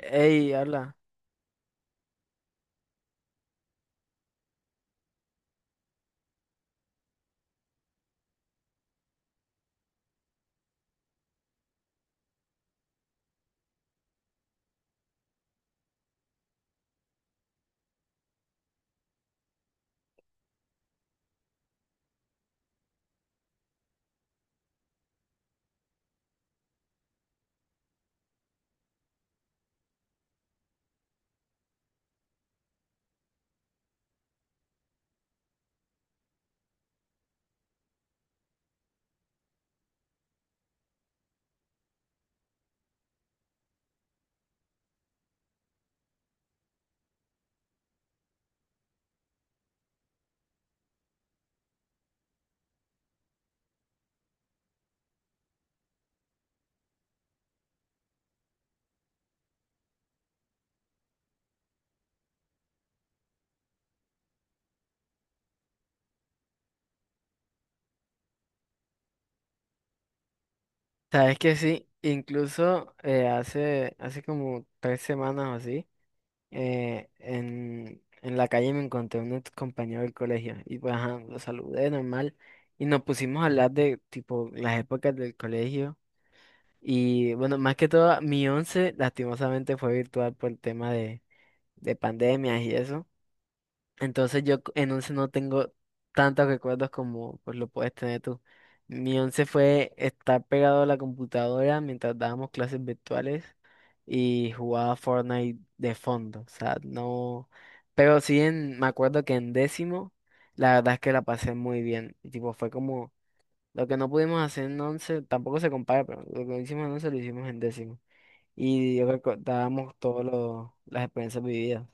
Ey, habla. Sabes que sí, incluso hace como tres semanas o así, en la calle me encontré un ex compañero del colegio y pues ajá, lo saludé normal y nos pusimos a hablar de tipo las épocas del colegio y bueno, más que todo mi once lastimosamente fue virtual por el tema de pandemias y eso. Entonces en once no tengo tantos recuerdos como pues lo puedes tener tú. Mi once fue estar pegado a la computadora mientras dábamos clases virtuales y jugaba Fortnite de fondo. O sea, no. Pero sí me acuerdo que en décimo, la verdad es que la pasé muy bien. Y tipo, fue como lo que no pudimos hacer en once, tampoco se compara, pero lo que hicimos en once lo hicimos en décimo. Y yo recordábamos todas las experiencias vividas.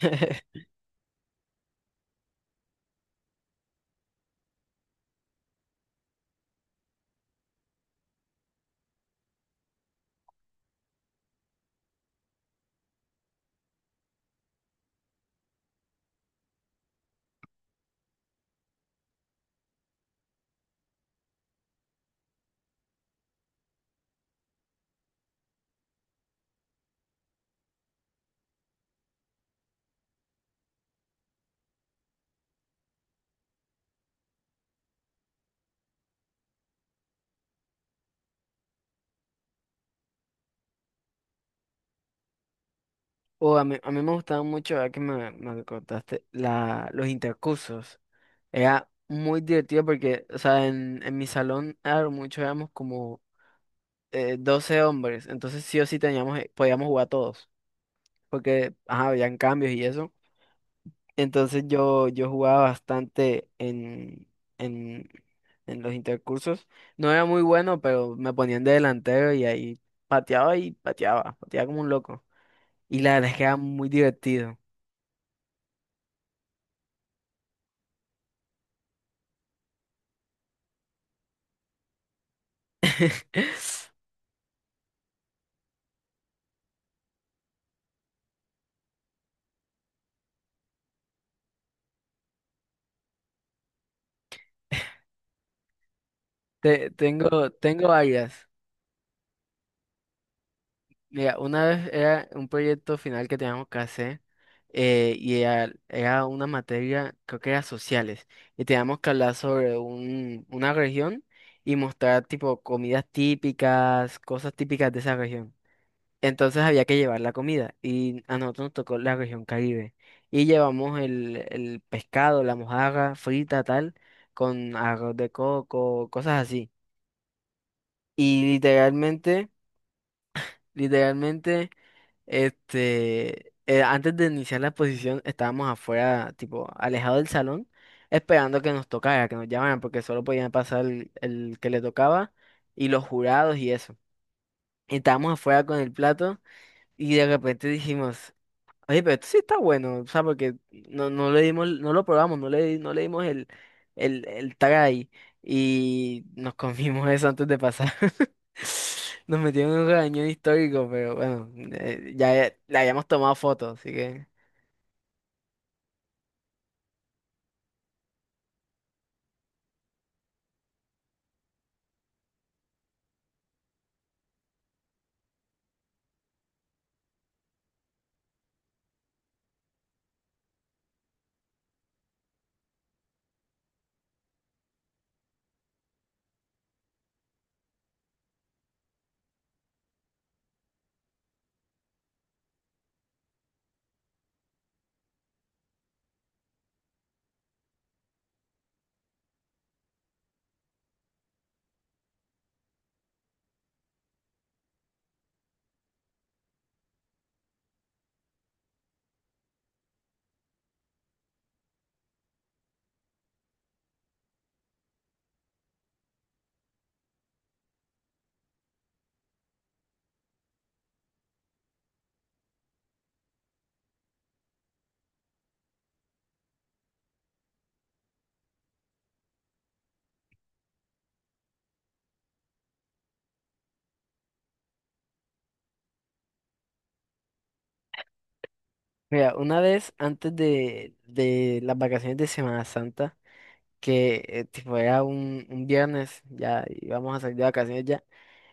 O a mí me gustaba mucho, ahora que me contaste, los intercursos. Era muy divertido porque, o sea, en mi salón a lo mucho éramos como 12 hombres, entonces sí o sí teníamos, podíamos jugar todos, porque ajá, habían cambios y eso. Entonces yo jugaba bastante en, en los intercursos. No era muy bueno, pero me ponían de delantero y ahí pateaba como un loco. Y la verdad es que era muy divertido. Tengo varias. Mira, una vez era un proyecto final que teníamos que hacer y era una materia, creo que era sociales, y teníamos que hablar sobre una región y mostrar tipo comidas típicas, cosas típicas de esa región. Entonces había que llevar la comida y a nosotros nos tocó la región Caribe y llevamos el pescado, la mojarra frita, tal, con arroz de coco, cosas así. Y literalmente... Literalmente, antes de iniciar la exposición estábamos afuera, tipo, alejados del salón, esperando que nos tocara, que nos llamaran, porque solo podían pasar el que le tocaba y los jurados y eso. Estábamos afuera con el plato y de repente dijimos, "Oye, pero esto sí está bueno, o sea, porque no le dimos, no lo probamos, no le dimos el tag ahí y nos comimos eso antes de pasar." Nos metieron en un regañón histórico, pero bueno, le habíamos tomado fotos, así que... Mira, una vez antes de las vacaciones de Semana Santa, que tipo era un viernes, ya íbamos a salir de vacaciones ya,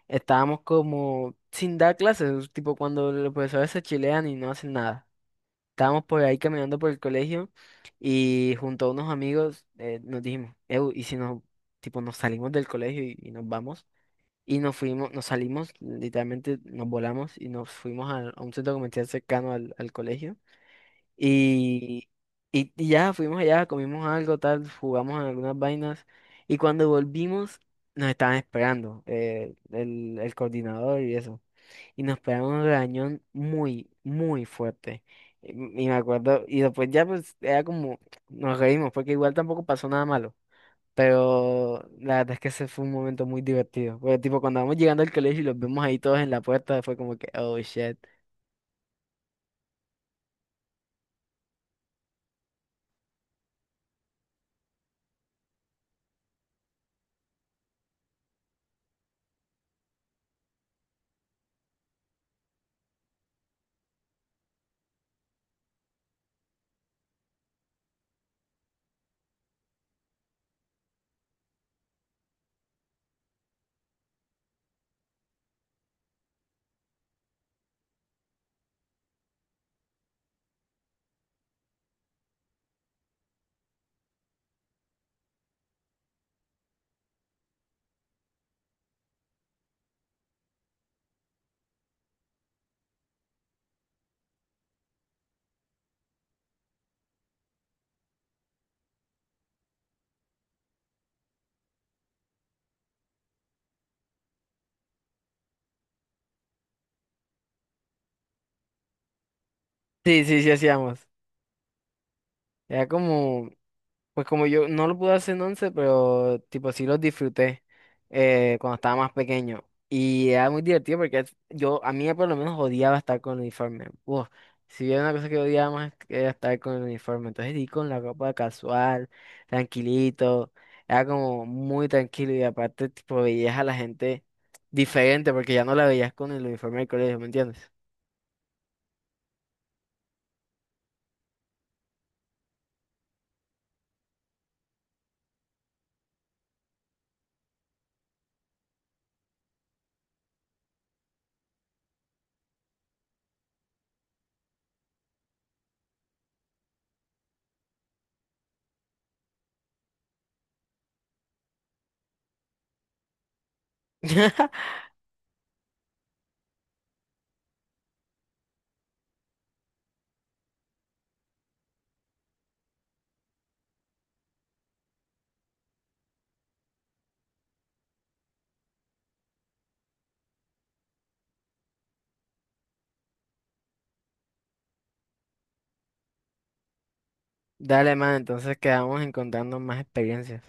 estábamos como sin dar clases, tipo cuando los profesores se chilean y no hacen nada. Estábamos por ahí caminando por el colegio y junto a unos amigos nos dijimos, "Ew, ¿y si nos, tipo, nos salimos del colegio y nos vamos?" Y nos fuimos, nos salimos, literalmente nos volamos y nos fuimos a un centro comercial cercano al colegio. Y, y ya fuimos allá, comimos algo, tal, jugamos en algunas vainas. Y cuando volvimos, nos estaban esperando el coordinador y eso y nos pegamos un regañón muy, muy fuerte. Y y me acuerdo, y después ya pues era como, nos reímos, porque igual tampoco pasó nada malo. Pero la verdad es que ese fue un momento muy divertido. Porque tipo cuando vamos llegando al colegio y los vemos ahí todos en la puerta, fue como que, oh shit. Sí, sí, sí hacíamos. Era como... Pues como yo no lo pude hacer en once, pero tipo sí los disfruté cuando estaba más pequeño. Y era muy divertido porque yo, a mí por lo menos odiaba estar con el uniforme. Uf, si había una cosa que odiaba más era estar con el uniforme. Entonces di con la ropa casual, tranquilito. Era como muy tranquilo y aparte tipo veías a la gente diferente porque ya no la veías con el uniforme del colegio, ¿me entiendes? Dale, man, entonces quedamos encontrando más experiencias.